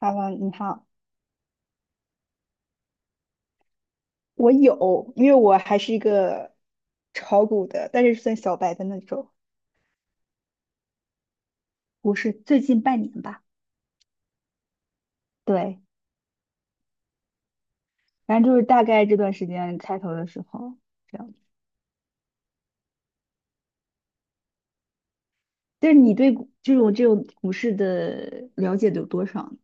哈喽，你好。我有，因为我还是一个炒股的，但是算小白的那种。我是最近半年吧。对，反正就是大概这段时间开头的时候这样。但是你对股这种股市的了解有多少呢？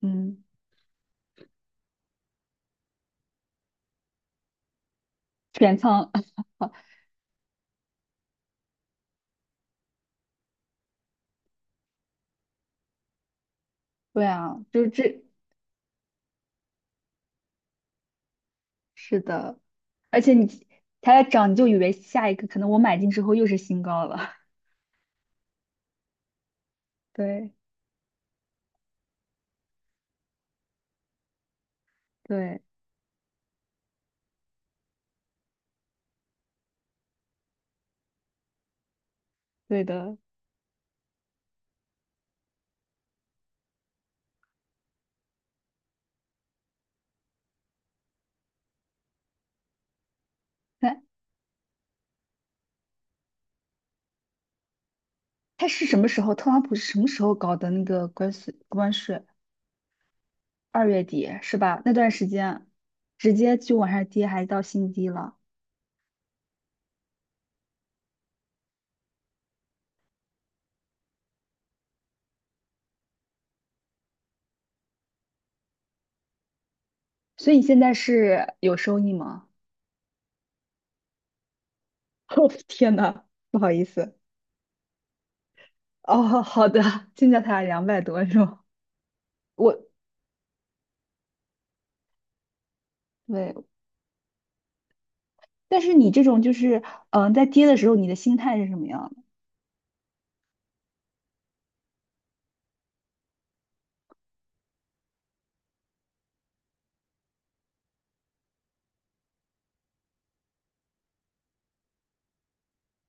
嗯，全仓。对啊，就是这，是的。而且你它在涨，你就以为下一个可能我买进之后又是新高了。对，对，对的。他是什么时候？特朗普是什么时候搞的那个关税？关税二月底是吧？那段时间直接就往下跌，还到新低了。所以你现在是有收益吗？哦，天呐，不好意思。哦，好的，现在才两百多是吗？我对。但是你这种就是在跌的时候，你的心态是什么样的？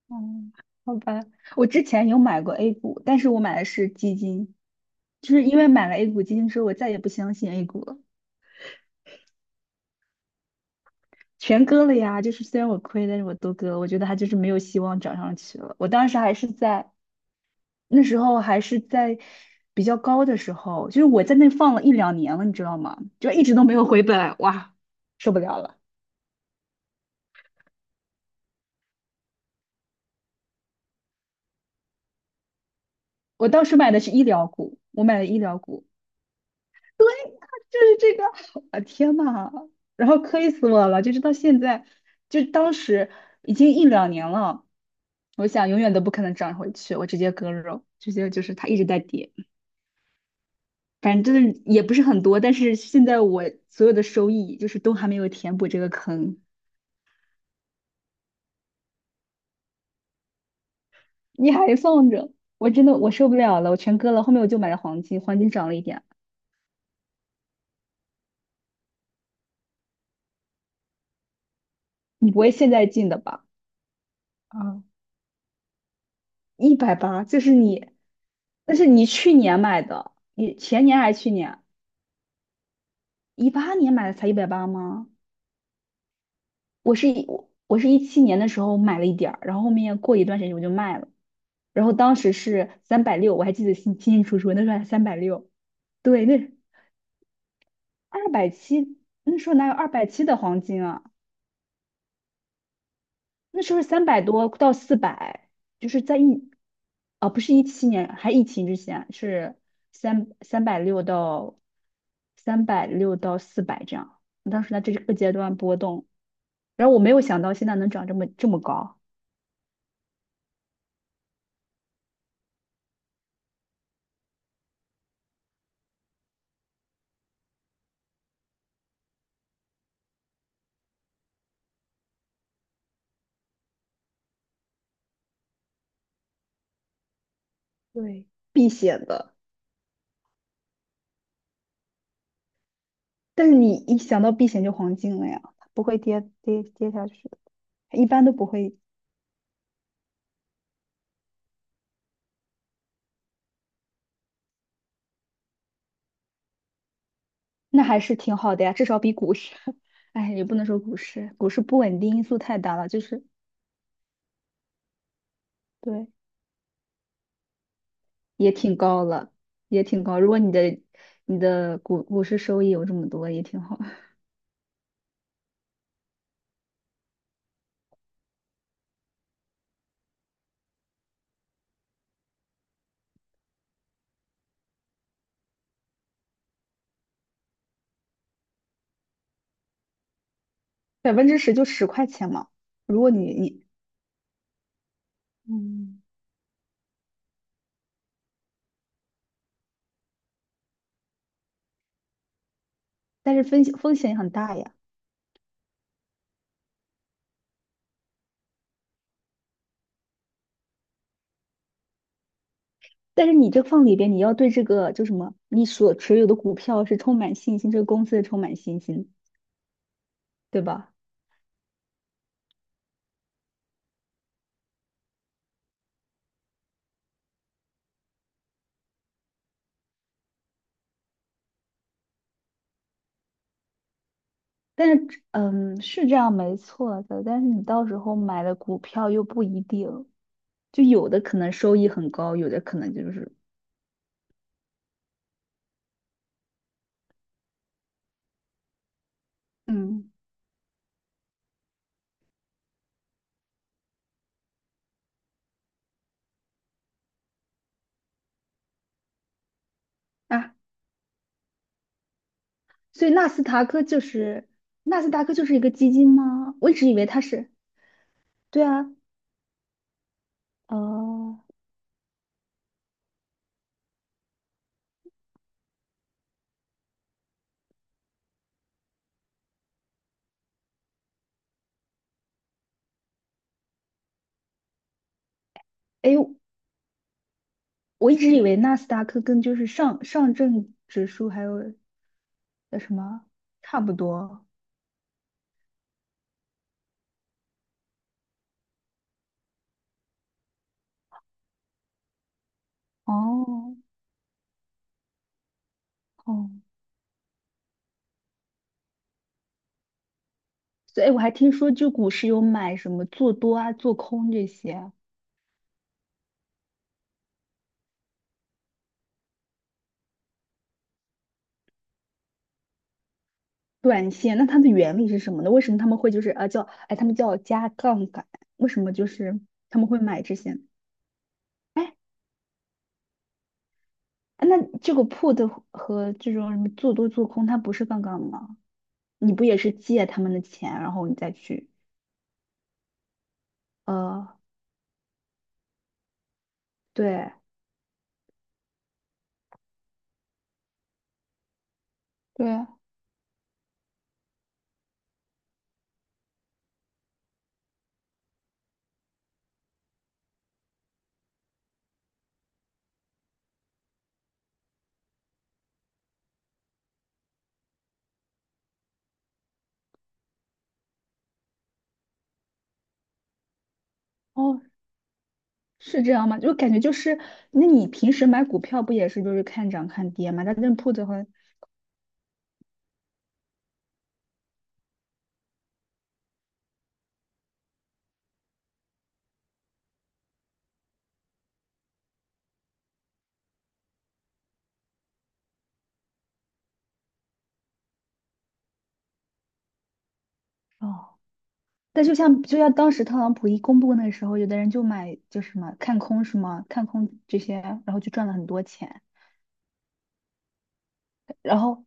嗯，好吧。我之前有买过 A 股，但是我买的是基金，就是因为买了 A 股基金之后，我再也不相信 A 股了。全割了呀，就是虽然我亏，但是我都割了。我觉得它就是没有希望涨上去了。我当时还是在那时候还是在比较高的时候，就是我在那放了一两年了，你知道吗？就一直都没有回本。哇，受不了了。我当时买的是医疗股，我买的医疗股就是这个。啊天呐，然后亏死我了，就是到现在，就当时已经一两年了，我想永远都不可能涨回去，我直接割肉，直接就是它一直在跌。反正就是也不是很多，但是现在我所有的收益就是都还没有填补这个坑。你还放着，我真的我受不了了，我全割了，后面我就买了黄金，黄金涨了一点。你不会现在进的吧？啊，一百八，就是你，那是你去年买的，你前年还是去年？2018年买的才一百八吗？我是一七年的时候买了一点儿，然后后面过一段时间我就卖了。然后当时是三百六，我还记得清清楚楚，那时候还三百六。对，那二百七，那时候哪有二百七的黄金啊？那时候三百多到四百，就是在一，不是一七年，还疫情之前是三三百六到360到400这样。当时在这个阶段波动，然后我没有想到现在能涨这么这么高。对，避险的。但是你一想到避险就黄金了呀，它不会跌跌跌下去的，一般都不会。那还是挺好的呀，至少比股市。哎，也不能说股市，股市不稳定因素太大了，就是对。也挺高了，也挺高。如果你的你的股市收益有这么多，也挺好。10%就10块钱嘛。如果你嗯，但是风险也很大呀。但是你这放里边，你要对这个就什么，你所持有的股票是充满信心，这个公司是充满信心，对吧？但是，嗯，是这样没错的，但是你到时候买的股票又不一定。就有的可能收益很高，有的可能就是嗯啊，所以纳斯达克就是纳斯达克就是一个基金吗？我一直以为它是。对啊，哦、诶哎，我一直以为纳斯达克跟就是上证指数还有什么差不多。哦哦，所以我还听说就股市有买什么做多啊、做空这些啊。短线，那它的原理是什么呢？为什么他们会就是啊叫，哎他们叫加杠杆？为什么就是他们会买这些？哎，那这个 put 和和这种什么做多做空，它不是杠杆吗？你不也是借他们的钱，然后你再去呃对对。哦，是这样吗？就感觉就是，那你平时买股票不也是就是看涨看跌吗？但是 put 和哦，但就像就像当时特朗普一公布那时候，有的人就买就是什么看空是吗？看空这些，然后就赚了很多钱。然后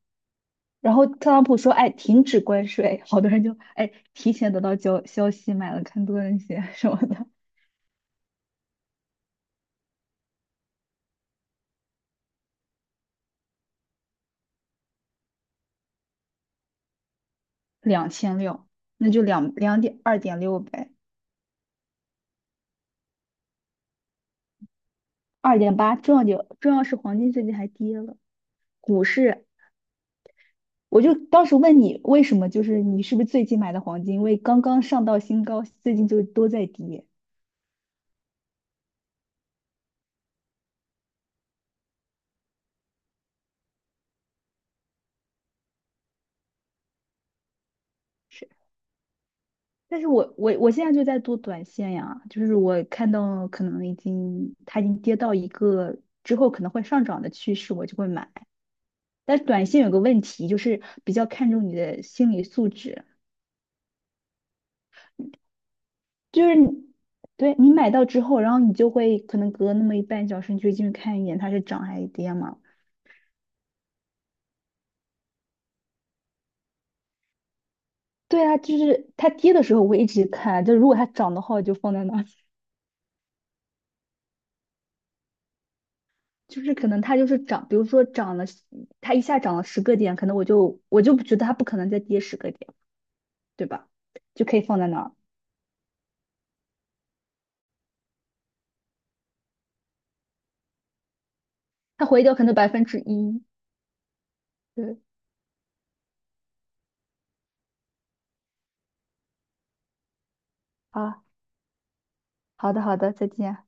然后特朗普说，哎，停止关税，好多人就哎提前得到消息买了看多那些 什么的。2600，那就两两点2.6呗，2.8。重要是黄金最近还跌了，股市。我就当时问你为什么，就是你是不是最近买的黄金，因为刚刚上到新高，最近就都在跌。是。但是我现在就在做短线呀，就是我看到可能已经它已经跌到一个之后可能会上涨的趋势，我就会买。但是短线有个问题，就是比较看重你的心理素质。就是你对你买到之后，然后你就会可能隔那么一半小时，你就进去看一眼它是涨还是跌嘛。对啊，就是它跌的时候我一直看，就如果它涨的话我就放在那儿。 就是可能它就是涨，比如说涨了，它一下涨了十个点，可能我就不觉得它不可能再跌十个点。对吧？就可以放在那儿，它回调可能1%。对，啊，好的，好的，再见。